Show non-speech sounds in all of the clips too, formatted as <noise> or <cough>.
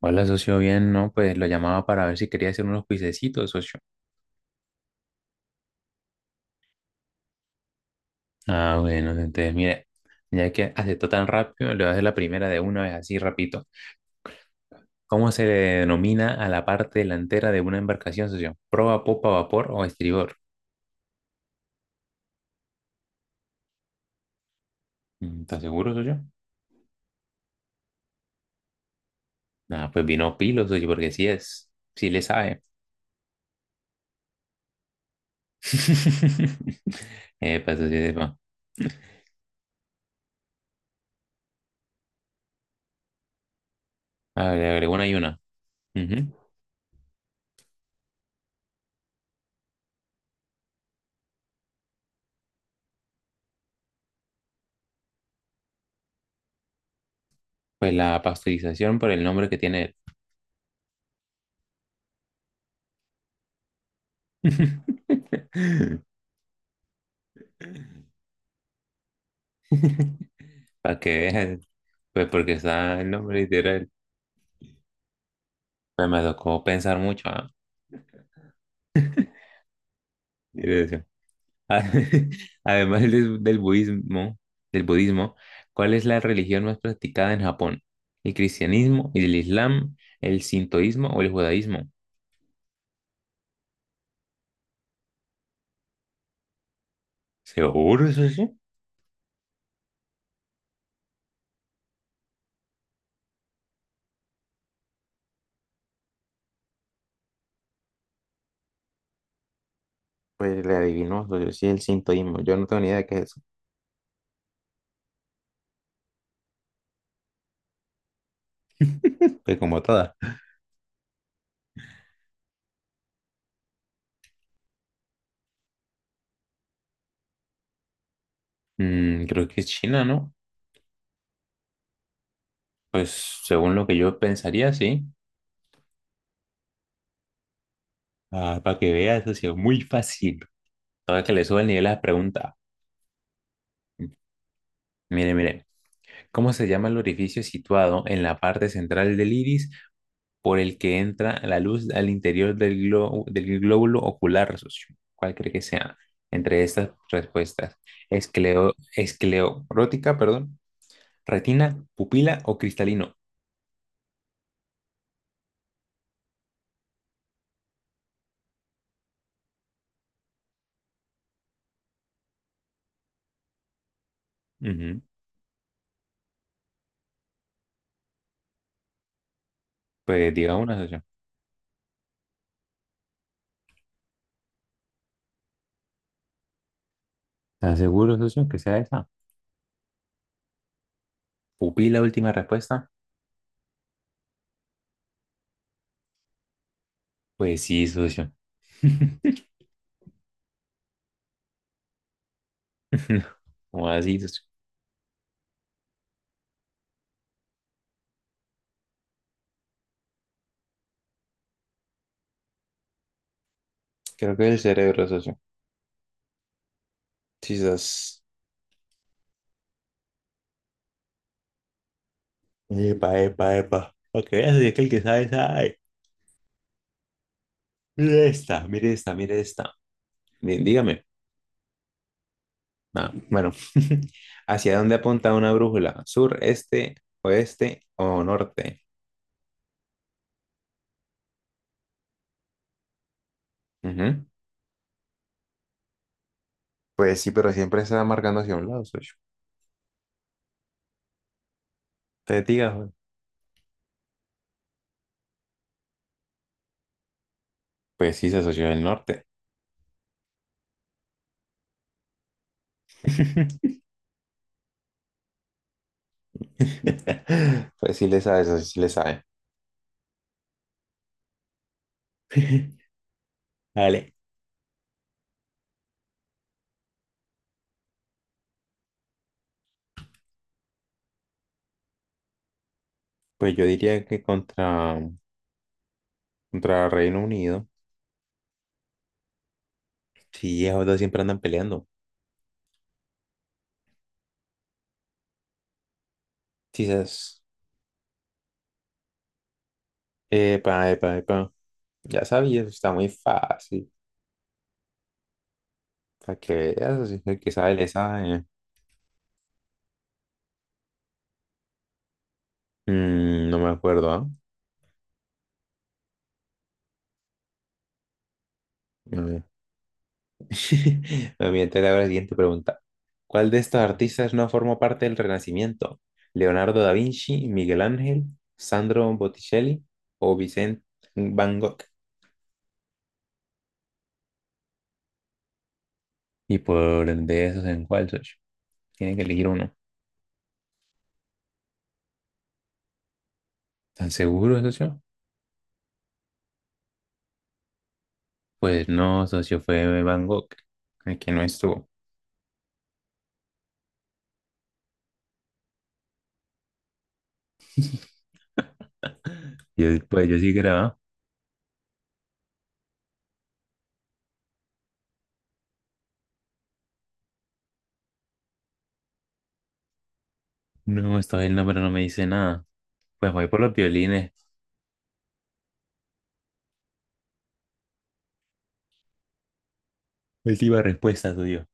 Hola, socio, bien, no, pues lo llamaba para ver si quería hacer unos cuisecitos, socio. Ah, bueno, entonces, mire, ya que aceptó tan rápido, le voy a hacer la primera de una vez, así rapidito. ¿Cómo se le denomina a la parte delantera de una embarcación, socio? ¿Proa, popa, vapor o estribor? ¿Estás seguro, socio? Ah, pues vino pilo, socio, porque sí es, sí le sabe. <laughs> Epa, socio, epa. A ver, agregó una y una. Ujú. Pues la pasteurización por el nombre que tiene él. <laughs> Para que veas, <laughs> pues porque está el nombre literal. Pues me tocó pensar mucho, ¿ah? Dirección. <laughs> Además del budismo, del budismo, ¿cuál es la religión más practicada en Japón? ¿El cristianismo, el islam, el sintoísmo o el judaísmo? ¿Seguro eso sí? Pues le adivinó, yo sí el sintoísmo, yo no tengo ni idea de qué es eso. Pues como toda. Mm, creo que es China, ¿no? Pues según lo que yo pensaría, sí. Ah, para que veas, ha sido muy fácil. Ahora que le sube el nivel a la pregunta. Mire, mire. ¿Cómo se llama el orificio situado en la parte central del iris por el que entra la luz al interior del glóbulo ocular, socio? ¿Cuál cree que sea? Entre estas respuestas. Esclerótica, perdón. Retina, pupila o cristalino. Ujú. Pues diga una, socio. ¿Estás seguro, socio, que sea esa? ¿Pupila, última respuesta? Pues sí, socio. <laughs> ¿Cómo así, socio. Creo que es el cerebro, socio. Quizás. Epa, epa, epa. Para que veas, es que el que sabe, sabe. Mire esta, mire esta, mire esta. Dígame. Ah, bueno, <laughs> ¿hacia dónde apunta una brújula? ¿Sur, este, oeste o norte? Ujú. Pues sí, pero siempre se va marcando hacia un lado, socio. Te digas, güey. Pues sí, se asoció el norte. <laughs> Pues sí le sabe, socio, sí le sabe. <laughs> Vale. Pues yo diría que contra Reino Unido. Sí, esos dos siempre andan peleando. Quizás. Epa, epa, epa. Ya sabía, eso está muy fácil. Para que veas, así que el que sabe le sabe. Mm, no me acuerdo, ¿ah? A ver. <laughs> Me voy a enterar ahora la siguiente pregunta. ¿Cuál de estos artistas no formó parte del Renacimiento? ¿Leonardo da Vinci, Miguel Ángel, Sandro Botticelli o Vicente Van Gogh? Y por de esos, ¿en cuál, socio? Tiene que elegir uno. ¿Están seguros, socio? Pues no, socio, fue Van Gogh, el que no estuvo. Pues yo sí grababa. No, esta vez el nombre no me dice nada. Pues voy por los violines. Última respuesta tuyo.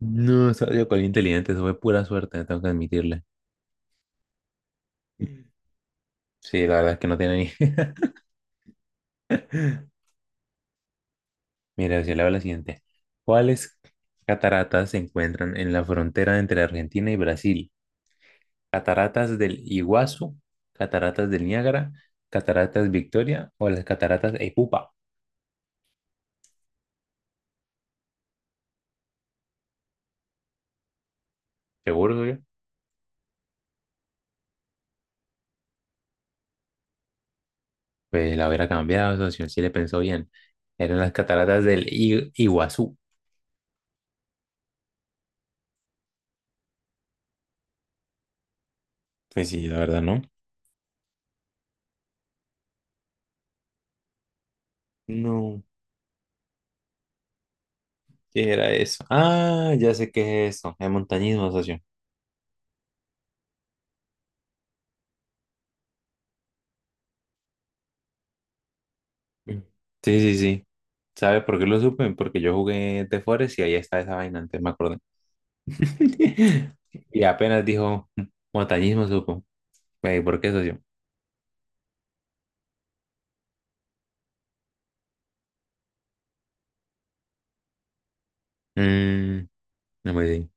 No, soy con inteligente, eso fue pura suerte, tengo que admitirle. Sí, la verdad es que no tiene ni. <laughs> Mira, si le hago la siguiente. ¿Cuáles cataratas se encuentran en la frontera entre Argentina y Brasil? ¿Cataratas del Iguazú, cataratas del Niágara, cataratas Victoria o las cataratas Epupa? Seguro, pues la hubiera cambiado, socio, sí le pensó bien. Eran las cataratas Iguazú. Pues sí, la verdad, ¿no? No, ¿qué era eso? Ah, ya sé qué es eso, es montañismo, socio. Mm. Sí, sí, sí. ¿Sabe por qué lo supe? Porque yo jugué de Forest y ahí está esa vaina, antes me acordé. <laughs> Y apenas dijo "Mm, montañismo", supo. Güey, ¿por qué, socio? Mm, no me di.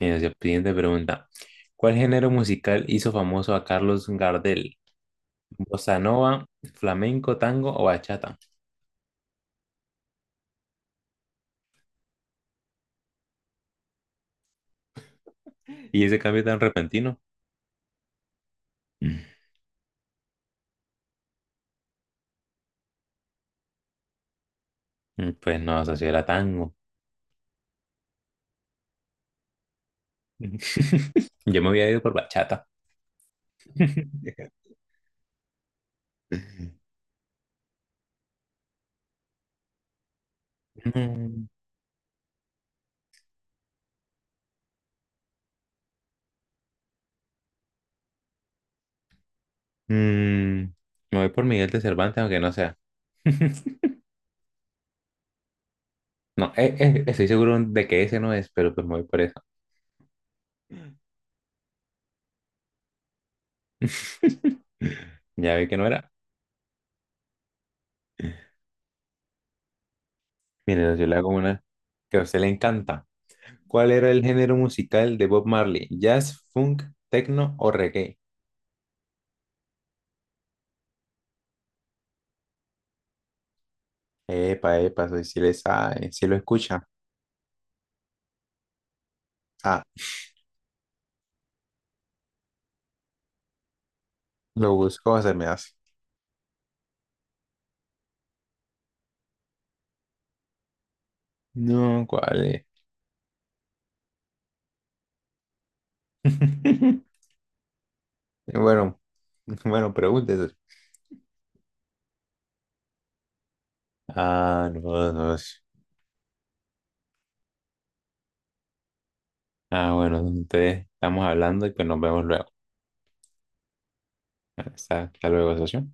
Mira, socio, siguiente pregunta. ¿Cuál género musical hizo famoso a Carlos Gardel? Bossa nova, flamenco, tango o bachata. Y ese cambio tan repentino, mm, pues no, eso sí era tango. <laughs> Yo me había ido por bachata. <laughs> Mm, mm, me voy por Miguel de Cervantes, aunque no sea. <laughs> No, estoy seguro de que ese no es, pero pues me voy por eso. <laughs> Ya vi que no era. Mire, yo le hago una que a usted le encanta. ¿Cuál era el género musical de Bob Marley? ¿Jazz, funk, techno o reggae? Epa, epa, soy si le sabe, si lo escucha. Ah, lo buscó, se me hace. No, ¿cuál es? <laughs> Bueno, bueno, pregúntese. Ah, no, no. Ah, bueno, entonces estamos hablando y pues nos vemos luego. Hasta luego, socio.